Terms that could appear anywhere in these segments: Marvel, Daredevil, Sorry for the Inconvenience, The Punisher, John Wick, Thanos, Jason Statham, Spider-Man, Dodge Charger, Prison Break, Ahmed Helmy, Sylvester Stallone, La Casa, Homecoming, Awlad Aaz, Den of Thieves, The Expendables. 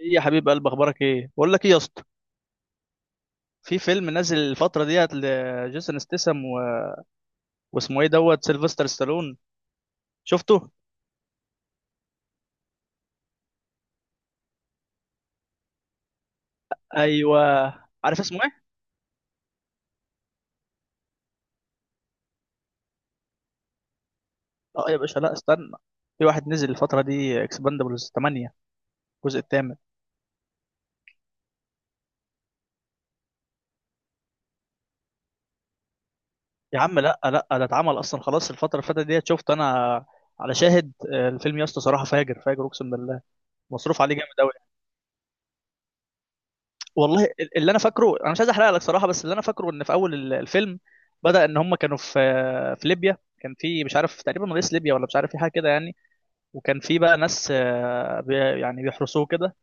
ايه يا حبيب قلب، اخبارك ايه؟ بقول لك ايه يا اسطى، في فيلم نازل الفتره ديت لجيسون ستاثام و... واسمه ايه دوت سيلفستر ستالون. شفته؟ ايوه. عارف اسمه ايه؟ اه يا باشا، لا استنى. في واحد نزل الفتره دي، اكسباندبلز 8، الجزء الثامن. يا عم لا لا، ده اتعمل اصلا خلاص الفتره اللي فاتت ديت، شفت انا على شاهد. الفيلم يا اسطى صراحه فاجر فاجر، اقسم بالله. مصروف عليه جامد. والله اللي انا فاكره، انا مش عايز احرق لك صراحه، بس اللي انا فاكره ان في اول الفيلم، بدا ان هم كانوا في في ليبيا. كان في، مش عارف، تقريبا رئيس ليبيا ولا مش عارف، في حاجه كده يعني. وكان في بقى ناس، آه، بي يعني بيحرسوه كده.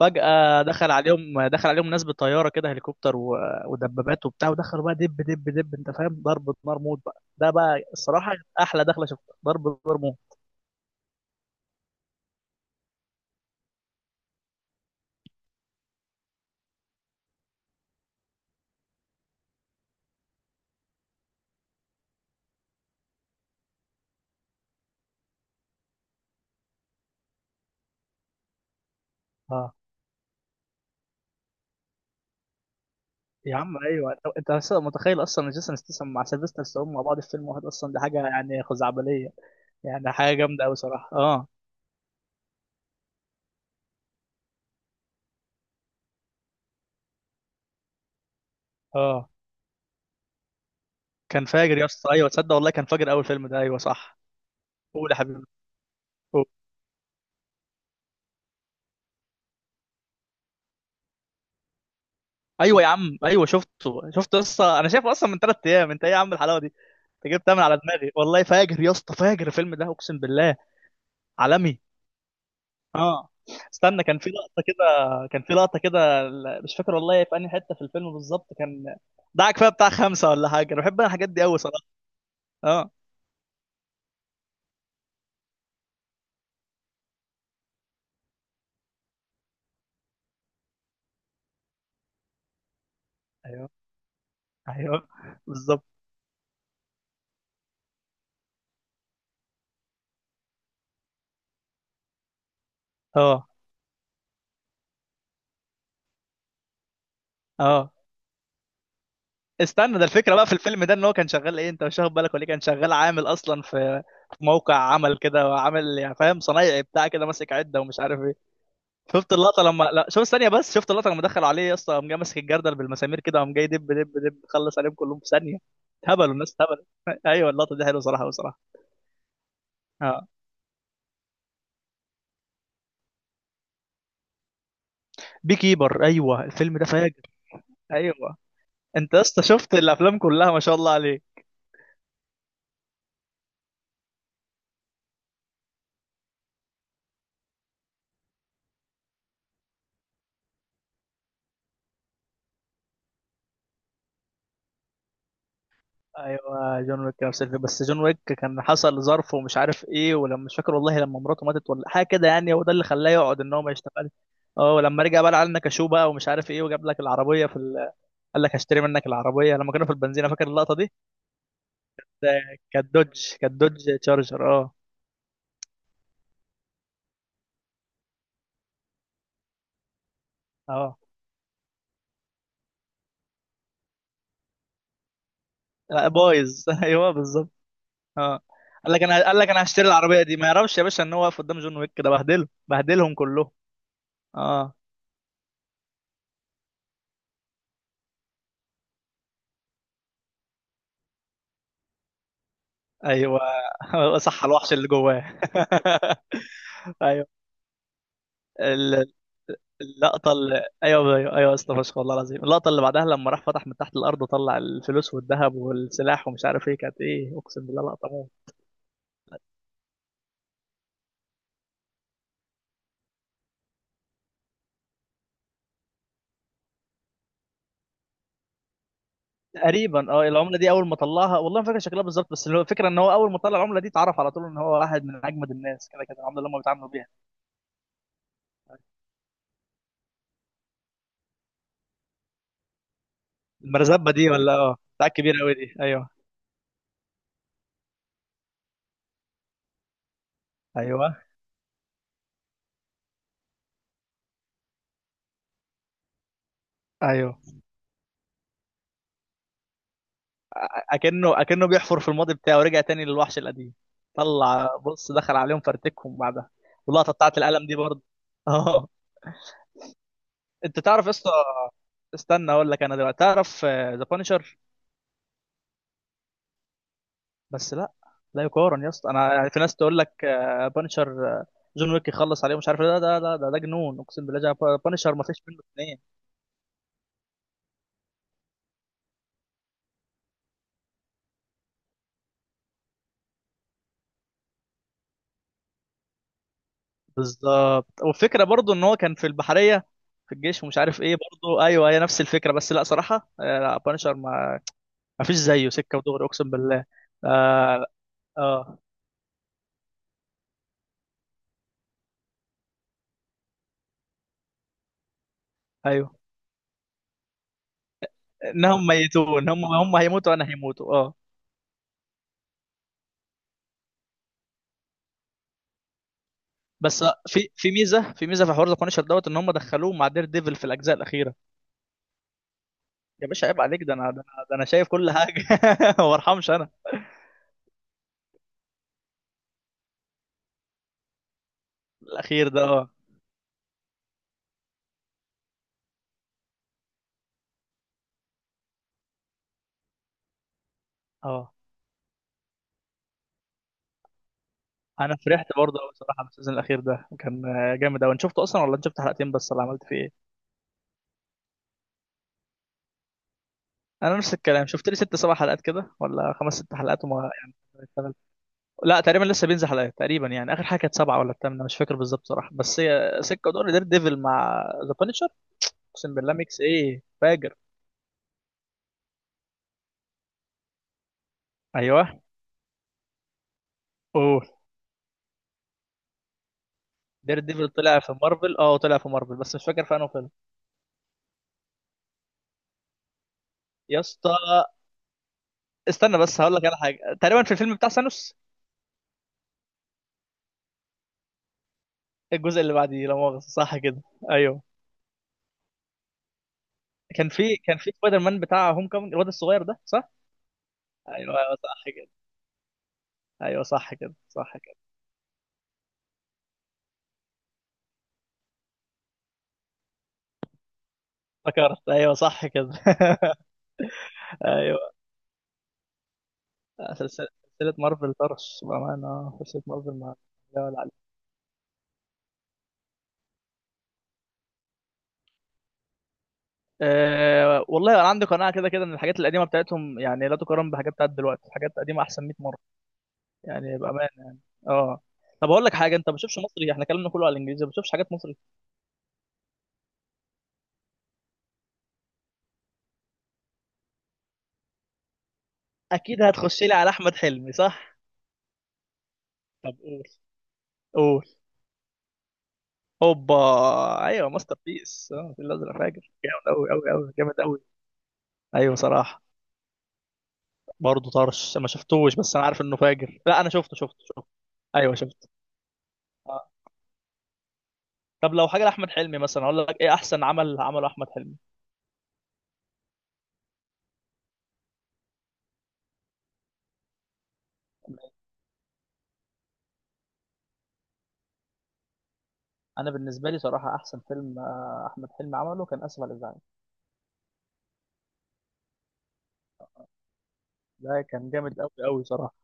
فجاه دخل عليهم، دخل عليهم ناس بالطياره كده، هليكوبتر ودبابات وبتاع. ودخلوا بقى دب دب دب، انت فاهم، ضرب نار موت بقى. ده بقى الصراحه احلى دخله شفتها، ضرب نار موت. اه يا عم ايوه، انت أصلاً متخيل اصلا إن جيسون ستاثام مع سيلفستر ستالون مع بعض في فيلم واحد؟ اصلا دي حاجه يعني خزعبليه. يعني حاجه جامده قوي صراحه. اه اه، كان فاجر يا اسطى. ايوه تصدق والله، كان فاجر اول فيلم ده. ايوه صح. قول يا حبيبي، قول. ايوه يا عم، ايوه شفته شفته، لسه انا شايفه اصلا من ثلاث ايام. انت ايه يا عم الحلاوه دي، انت جبتها من على دماغي، والله فاجر يا اسطى، فاجر الفيلم ده اقسم بالله. عالمي. اه استنى، كان في لقطه كده، كان في لقطه كده مش فاكر والله في انهي حته في الفيلم بالظبط. كان ده كفايه بتاع خمسه ولا حاجه، انا بحب انا الحاجات دي قوي صراحه. اه. ايوه ايوه بالظبط. اه اه استنى، ده الفكره بقى في الفيلم ده ان هو كان شغال ايه، انت مش واخد بالك ولا إيه؟ كان شغال عامل اصلا في في موقع عمل كده، وعامل يعني، فاهم، صنايعي بتاع كده، ماسك عده ومش عارف ايه. شفت اللقطه لما، لا شوف ثانيه بس، شفت اللقطه لما دخلوا عليه يا اسطى؟ قام جاي ماسك الجردل بالمسامير كده، قام جاي دب دب دب، خلص عليهم كلهم في ثانيه. هبلوا الناس، هبلوا. ايوه اللقطه دي حلوه صراحه، بصراحه. اه، بي كيبر، ايوه الفيلم ده فاجر. ايوه. انت يا اسطى شفت الافلام كلها، ما شاء الله عليك. ايوه جون ويك نفس الفيلم، بس جون ويك كان حصل ظرف ومش عارف ايه، ولما مش فاكر والله، لما مراته ماتت ولا حاجه كده يعني، هو ده اللي خلاه يقعد ان هو ما يشتغلش. اه ولما رجع بقى، لعلنا كشو بقى ومش عارف ايه، وجاب لك العربيه في ال... قال لك هشتري منك العربيه، لما كانوا في البنزينه، فاكر اللقطه دي؟ ده كانت دوج، كانت دوج تشارجر. اه اه لا، بايظ. ايوه بالظبط. اه. قال لك انا، قال لك انا هشتري العربيه دي، ما يعرفش يا باشا ان هو واقف قدام جون ويك، ده بهدله، بهدلهم كلهم. اه. ايوه. صح، الوحش اللي جواه. ايوه. ال- اللقطه اللي ايوه ايوه ايوه يا اسطى فشخ والله العظيم، اللقطه اللي بعدها لما راح فتح من تحت الارض وطلع الفلوس والذهب والسلاح ومش عارف ايه، كانت ايه اقسم بالله، لقطه موت. تقريبا اه، العمله دي اول ما طلعها، والله ما فاكر شكلها بالظبط، بس اللي هو الفكره ان هو اول ما طلع العمله دي اتعرف على طول ان هو واحد من اجمد الناس، كده كده العمله اللي هم بيتعاملوا بيها. المرزبه دي ولا اه، بتاع كبير قوي دي، ايوه ايوه ايوه. اكنه، اكنه بيحفر في الماضي بتاعه ورجع تاني للوحش القديم. طلع بص، دخل عليهم فرتكهم بعدها. واللقطه بتاعت القلم دي برضه. انت تعرف يا اسطى، استنى اقول لك انا دلوقتي، تعرف ذا بانشر؟ بس لا، لا يقارن يا اسطى. انا يعني في ناس تقول لك بانشر، جون ويك يخلص عليه، مش عارف إيه. لا ده جنون اقسم بالله. بانشر ما فيش منه اثنين. بالظبط، والفكره برضو ان هو كان في البحريه في الجيش، ومش عارف ايه برضو. ايوه هي نفس الفكره، بس لا صراحه. لا بانشر ما فيش زيه، سكه ودغري اقسم بالله. اه اه ايوه. انهم ميتون، هم هم هيموتوا، انا هيموتوا. آه. بس في في ميزه، في ميزه في حوار ذا بانشر دوت، ان هم دخلوه مع دير ديفل في الاجزاء الاخيره. يا باشا عيب عليك، ده أنا شايف كل حاجه. ما ارحمش انا. الاخير ده اه. اه انا فرحت برضه قوي صراحه، بالسيزون الاخير ده، كان جامد قوي. انت شفته اصلا ولا انت شفت حلقتين بس، ولا عملت فيه ايه؟ انا نفس الكلام، شفت لي ست سبع حلقات كده، ولا خمس ست حلقات، وما يعني اشتغلت. لا تقريبا لسه بينزل حلقات تقريبا، يعني اخر حاجه كانت سبعه ولا الثامنه، مش فاكر بالظبط صراحه، بس هي سكه. ودور دير ديفل مع ذا بانشر، اقسم بالله ميكس ايه فاجر. ايوه اوه، دير ديفل طلع في مارفل، اه طلع في مارفل، بس مش فاكر في انه فيلم. يا اسطى استنى بس هقول لك على حاجه، تقريبا في الفيلم بتاع سانوس. الجزء اللي بعديه، لا مؤاخذه صح كده، ايوه. كان في، كان في سبايدر مان بتاع هوم كومينج، الواد الصغير ده صح. ايوه ايوه صح كده. ايوه صح كده، صح كده. فكرت، ايوه صح كده. ايوه سلسله، سلسلة مارفل طرش بامانه. سلسله مارفل ما لا ولا عليه. أه والله انا عندي قناعه كده كده، ان الحاجات القديمه بتاعتهم يعني لا تقارن بحاجات بتاعت دلوقتي، الحاجات القديمه احسن 100 مره، يعني بامانه. اه. طب اقول لك حاجه، انت ما بتشوفش مصري؟ احنا كلامنا كله على الانجليزي، ما بتشوفش حاجات مصري. اكيد هتخش لي على احمد حلمي صح. طب قول، قول. اوبا، ايوه ماستر بيس اه، في الازرق فاجر جامد، قوي قوي قوي جامد قوي. ايوه صراحه. برضه طرش، ما شفتوش، بس انا عارف انه فاجر. لا انا شفته شفته شفته. ايوه شفته. آه. طب لو حاجه لاحمد حلمي مثلا، اقول لك ايه احسن عمل عمله احمد حلمي؟ انا بالنسبه لي صراحه احسن فيلم احمد حلمي عمله كان اسف على الازعاج. ده كان جامد قوي قوي صراحه.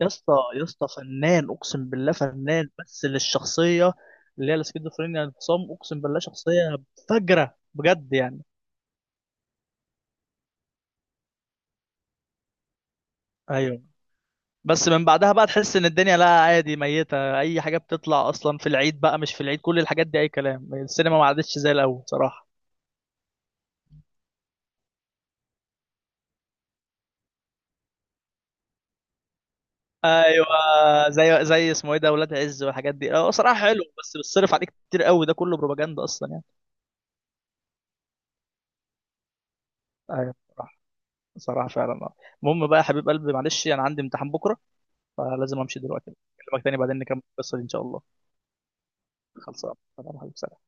يا اسطى يا اسطى فنان اقسم بالله، فنان بس للشخصيه اللي هي السكيزوفرينيا، انفصام، اقسم بالله شخصيه فجره بجد يعني. ايوه. بس من بعدها بقى تحس ان الدنيا لا عادي، ميته، اي حاجه بتطلع اصلا في العيد بقى، مش في العيد، كل الحاجات دي اي كلام. السينما ما عادتش زي الاول صراحه. ايوه، زي اسمه ايه ده، ولاد عز والحاجات دي، اه صراحه حلو، بس بتصرف عليك كتير قوي، ده كله بروباجندا اصلا يعني. ايوه صراحه، صراحه فعلا. آه. المهم بقى يا حبيب قلبي، معلش انا يعني عندي امتحان بكره، فلازم امشي دلوقتي. اكلمك تاني بعدين نكمل القصه دي ان شاء الله. خلصان، سلام عليكم.